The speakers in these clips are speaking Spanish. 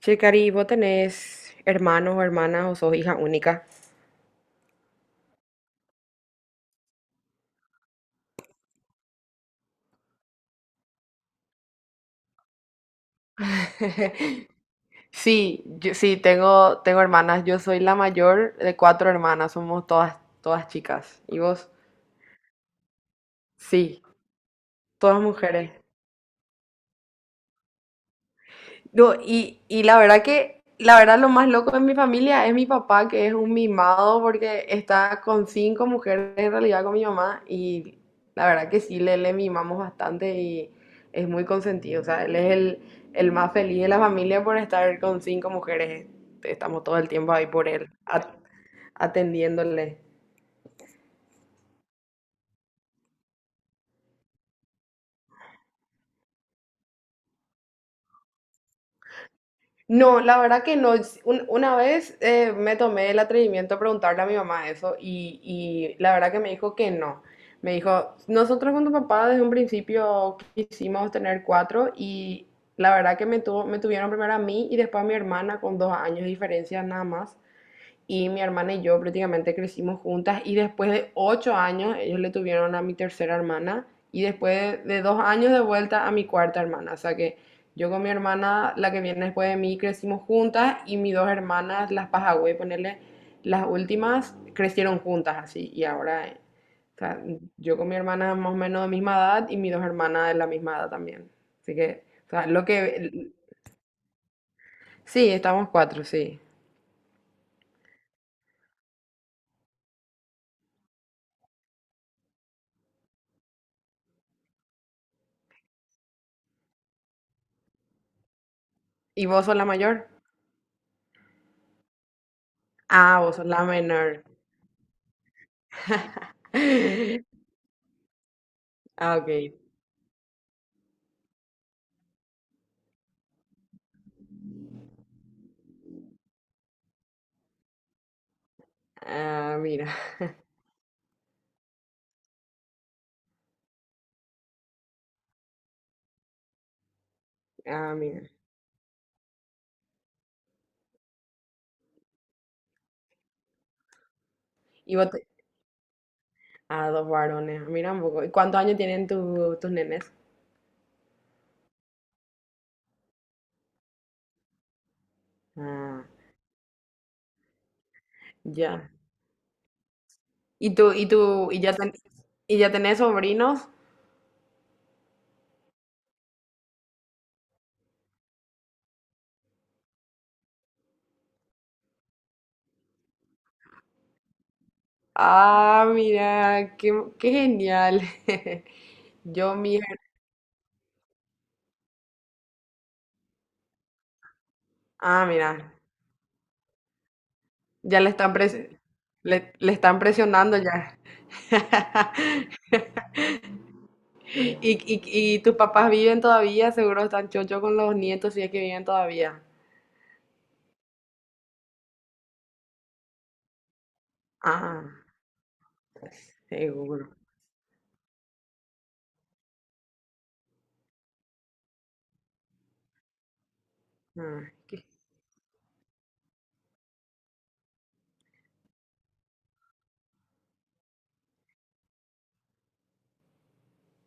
Che, Cari, ¿vos tenés hermanos o hermanas o sos hija única? Sí, yo, sí, tengo hermanas. Yo soy la mayor de cuatro hermanas. Somos todas chicas. ¿Y vos? Sí, todas mujeres. No, y la verdad que, la verdad, lo más loco de mi familia es mi papá, que es un mimado porque está con cinco mujeres, en realidad con mi mamá, y la verdad que sí, le mimamos bastante y es muy consentido. O sea, él es el más feliz de la familia por estar con cinco mujeres. Estamos todo el tiempo ahí por él, atendiéndole. No, la verdad que no. Una vez, me tomé el atrevimiento de preguntarle a mi mamá eso, y la verdad que me dijo que no. Me dijo, nosotros con tu papá desde un principio quisimos tener cuatro, y la verdad que me tuvieron primero a mí y después a mi hermana con 2 años de diferencia, nada más. Y mi hermana y yo prácticamente crecimos juntas, y después de 8 años ellos le tuvieron a mi tercera hermana, y después de 2 años de vuelta a mi cuarta hermana. O sea que yo con mi hermana, la que viene después de mí, crecimos juntas, y mis dos hermanas, las Pajagüey, ponerle las últimas, crecieron juntas así. Y ahora, o sea, yo con mi hermana más o menos de misma edad, y mis dos hermanas de la misma edad también. Así que, o sea, lo que... Sí, estamos cuatro, sí. ¿Y vos sos la mayor? Ah, vos sos la menor. Ah, ok. Ah, mira. Ah, mira. Y vos te- Ah, dos varones. Ah, mira un poco. ¿Y cuántos años tienen tus nenes? Ah, ya. ¿Y tú, y tú, y ya tenés sobrinos? Ah, mira, qué genial. Yo, mi... her- Ah, mira. Ya le están presionando ya. Y, y tus papás viven todavía, seguro están chocho con los nietos, si es que viven todavía. Ah, seguro. Ah, qué-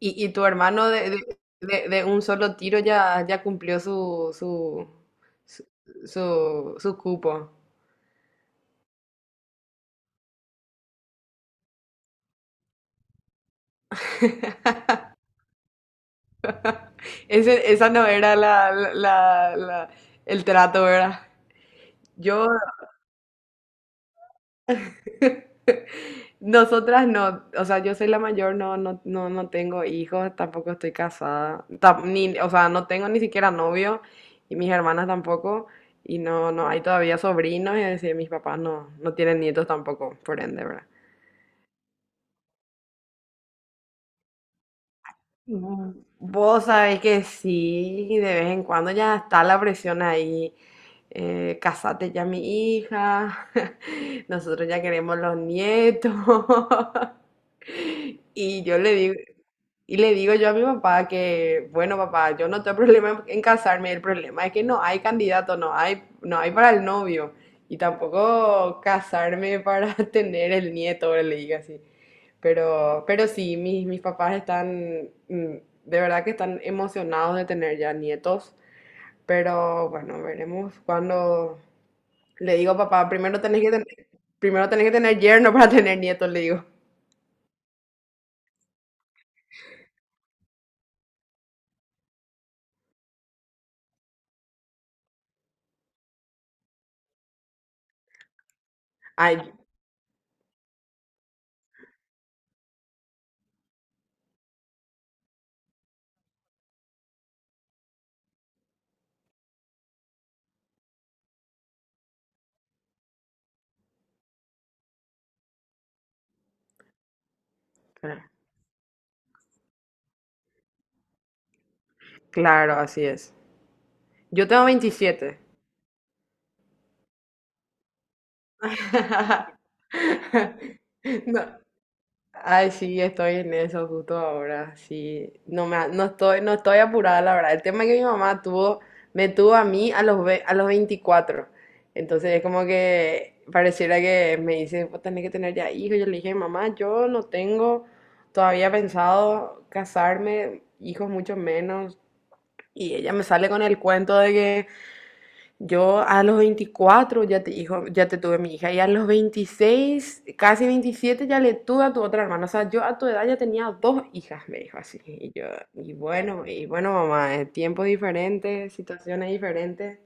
y tu hermano, de un solo tiro ya, ya cumplió su, su, su cupo. Esa no era el trato, ¿verdad? Yo Nosotras no. O sea, yo soy la mayor, no, no, no, no tengo hijos, tampoco estoy casada, ni, o sea, no tengo ni siquiera novio, y mis hermanas tampoco, y no, no hay todavía sobrinos, y decir, mis papás no, no tienen nietos tampoco, por ende, ¿verdad? Mm, Vos sabés que sí, de vez en cuando ya está la presión ahí, casate ya, mi hija, nosotros ya queremos los nietos. Y yo le digo, y le digo yo a mi papá que, bueno, papá, yo no tengo problema en casarme, el problema es que no hay candidato, no hay, no hay para el novio. Y tampoco casarme para tener el nieto, le digo así. Pero sí, mis papás están, de verdad que están emocionados de tener ya nietos. Pero bueno, veremos. Cuando le digo, papá, primero tenés que tener, primero tenés que tener yerno para tener nietos, le digo. Ay, claro, así es. Yo tengo 27. No. Ay, sí, estoy en eso justo ahora. Sí, no estoy apurada, la verdad. El tema es que me tuvo a mí a los, a los 24. Entonces es como que pareciera que me dice, vos tenés que tener ya hijos. Yo le dije, mamá, yo no tengo todavía pensado casarme, hijos mucho menos. Y ella me sale con el cuento de que yo a los 24 hijo, ya te tuve, mi hija, y a los 26, casi 27, ya le tuve a tu otra hermana. O sea, yo a tu edad ya tenía dos hijas, me dijo así. Y yo, y bueno, mamá, tiempos diferentes, situaciones diferentes.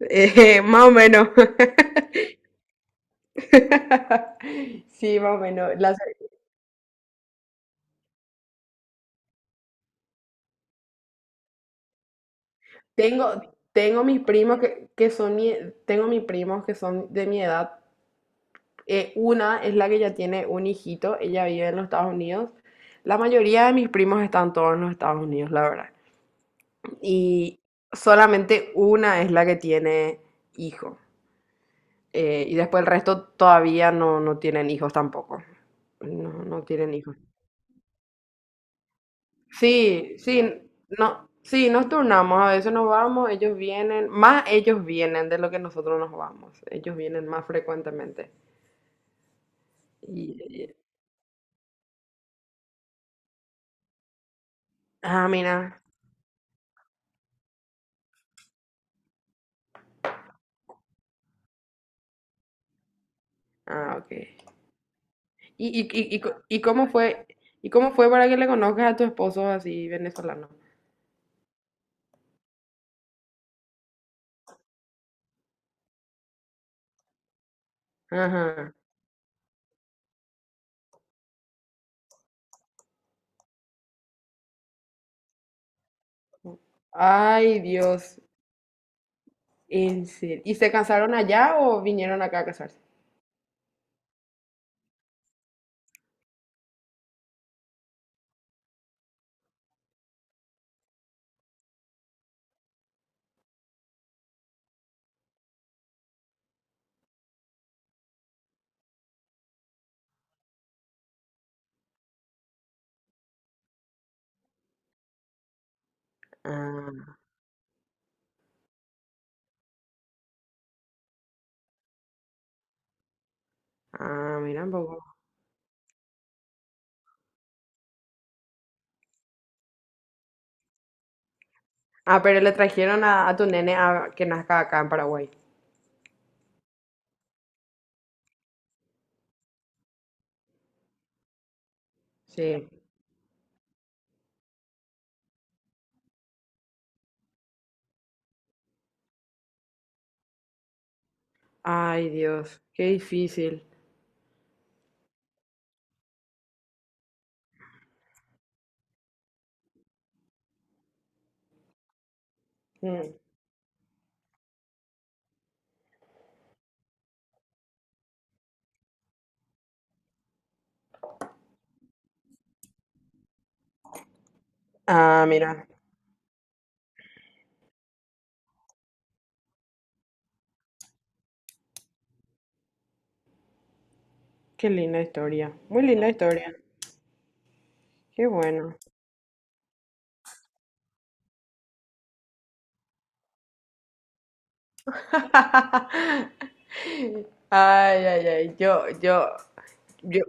Más o menos. Sí, más o menos. Tengo, tengo mis primos que son de mi edad. Una es la que ya tiene un hijito, ella vive en los Estados Unidos. La mayoría de mis primos están todos en los Estados Unidos, la verdad. Y solamente una es la que tiene hijo. Y después el resto todavía no, no tienen hijos tampoco. No, no tienen hijos. Sí, sí, no, sí, nos turnamos, a veces nos vamos, ellos vienen, más ellos vienen de lo que nosotros nos vamos, ellos vienen más frecuentemente. Y, y- ah, mira, ah, ok. ¿Y cómo fue, para que le conozcas a tu esposo así venezolano? Ajá. Ay, Dios. En serio. ¿Y se casaron allá o vinieron acá a casarse? Ah, ah, mira un poco. Ah, pero le trajeron a tu nene a que nazca acá en Paraguay. Sí. Ay, Dios, qué difícil. Mm. Ah, mira, qué linda historia. Muy linda historia. Qué bueno. Ay, ay, ay. Yo,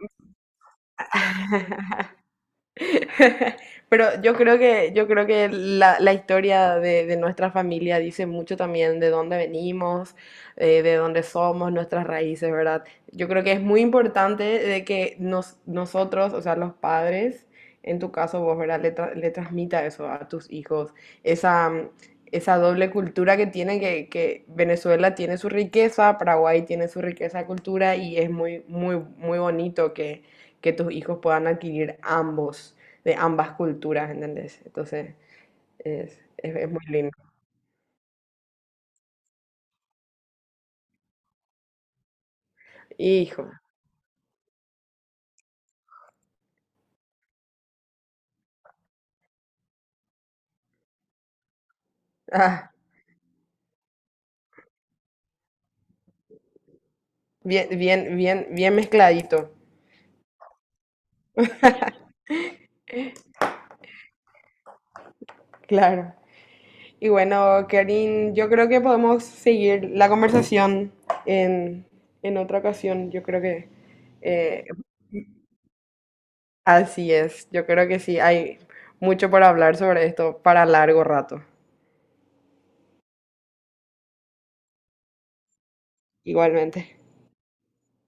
pero yo creo que la historia de nuestra familia dice mucho también de dónde venimos, de dónde somos, nuestras raíces, ¿verdad? Yo creo que es muy importante de que nosotros, o sea, los padres, en tu caso vos, ¿verdad? Le, le transmita eso a tus hijos, esa, esa doble cultura que tiene, que Venezuela tiene su riqueza, Paraguay tiene su riqueza de cultura, y es muy, muy, muy bonito que tus hijos puedan adquirir ambos, de ambas culturas, ¿entendés? Entonces, es muy lindo. Hijo, ah, bien, bien, bien, bien mezcladito, claro. Y bueno, Karin, yo creo que podemos seguir la conversación en, en otra ocasión. Yo creo que eh, así es, yo creo que sí, hay mucho por hablar sobre esto para largo rato, igualmente.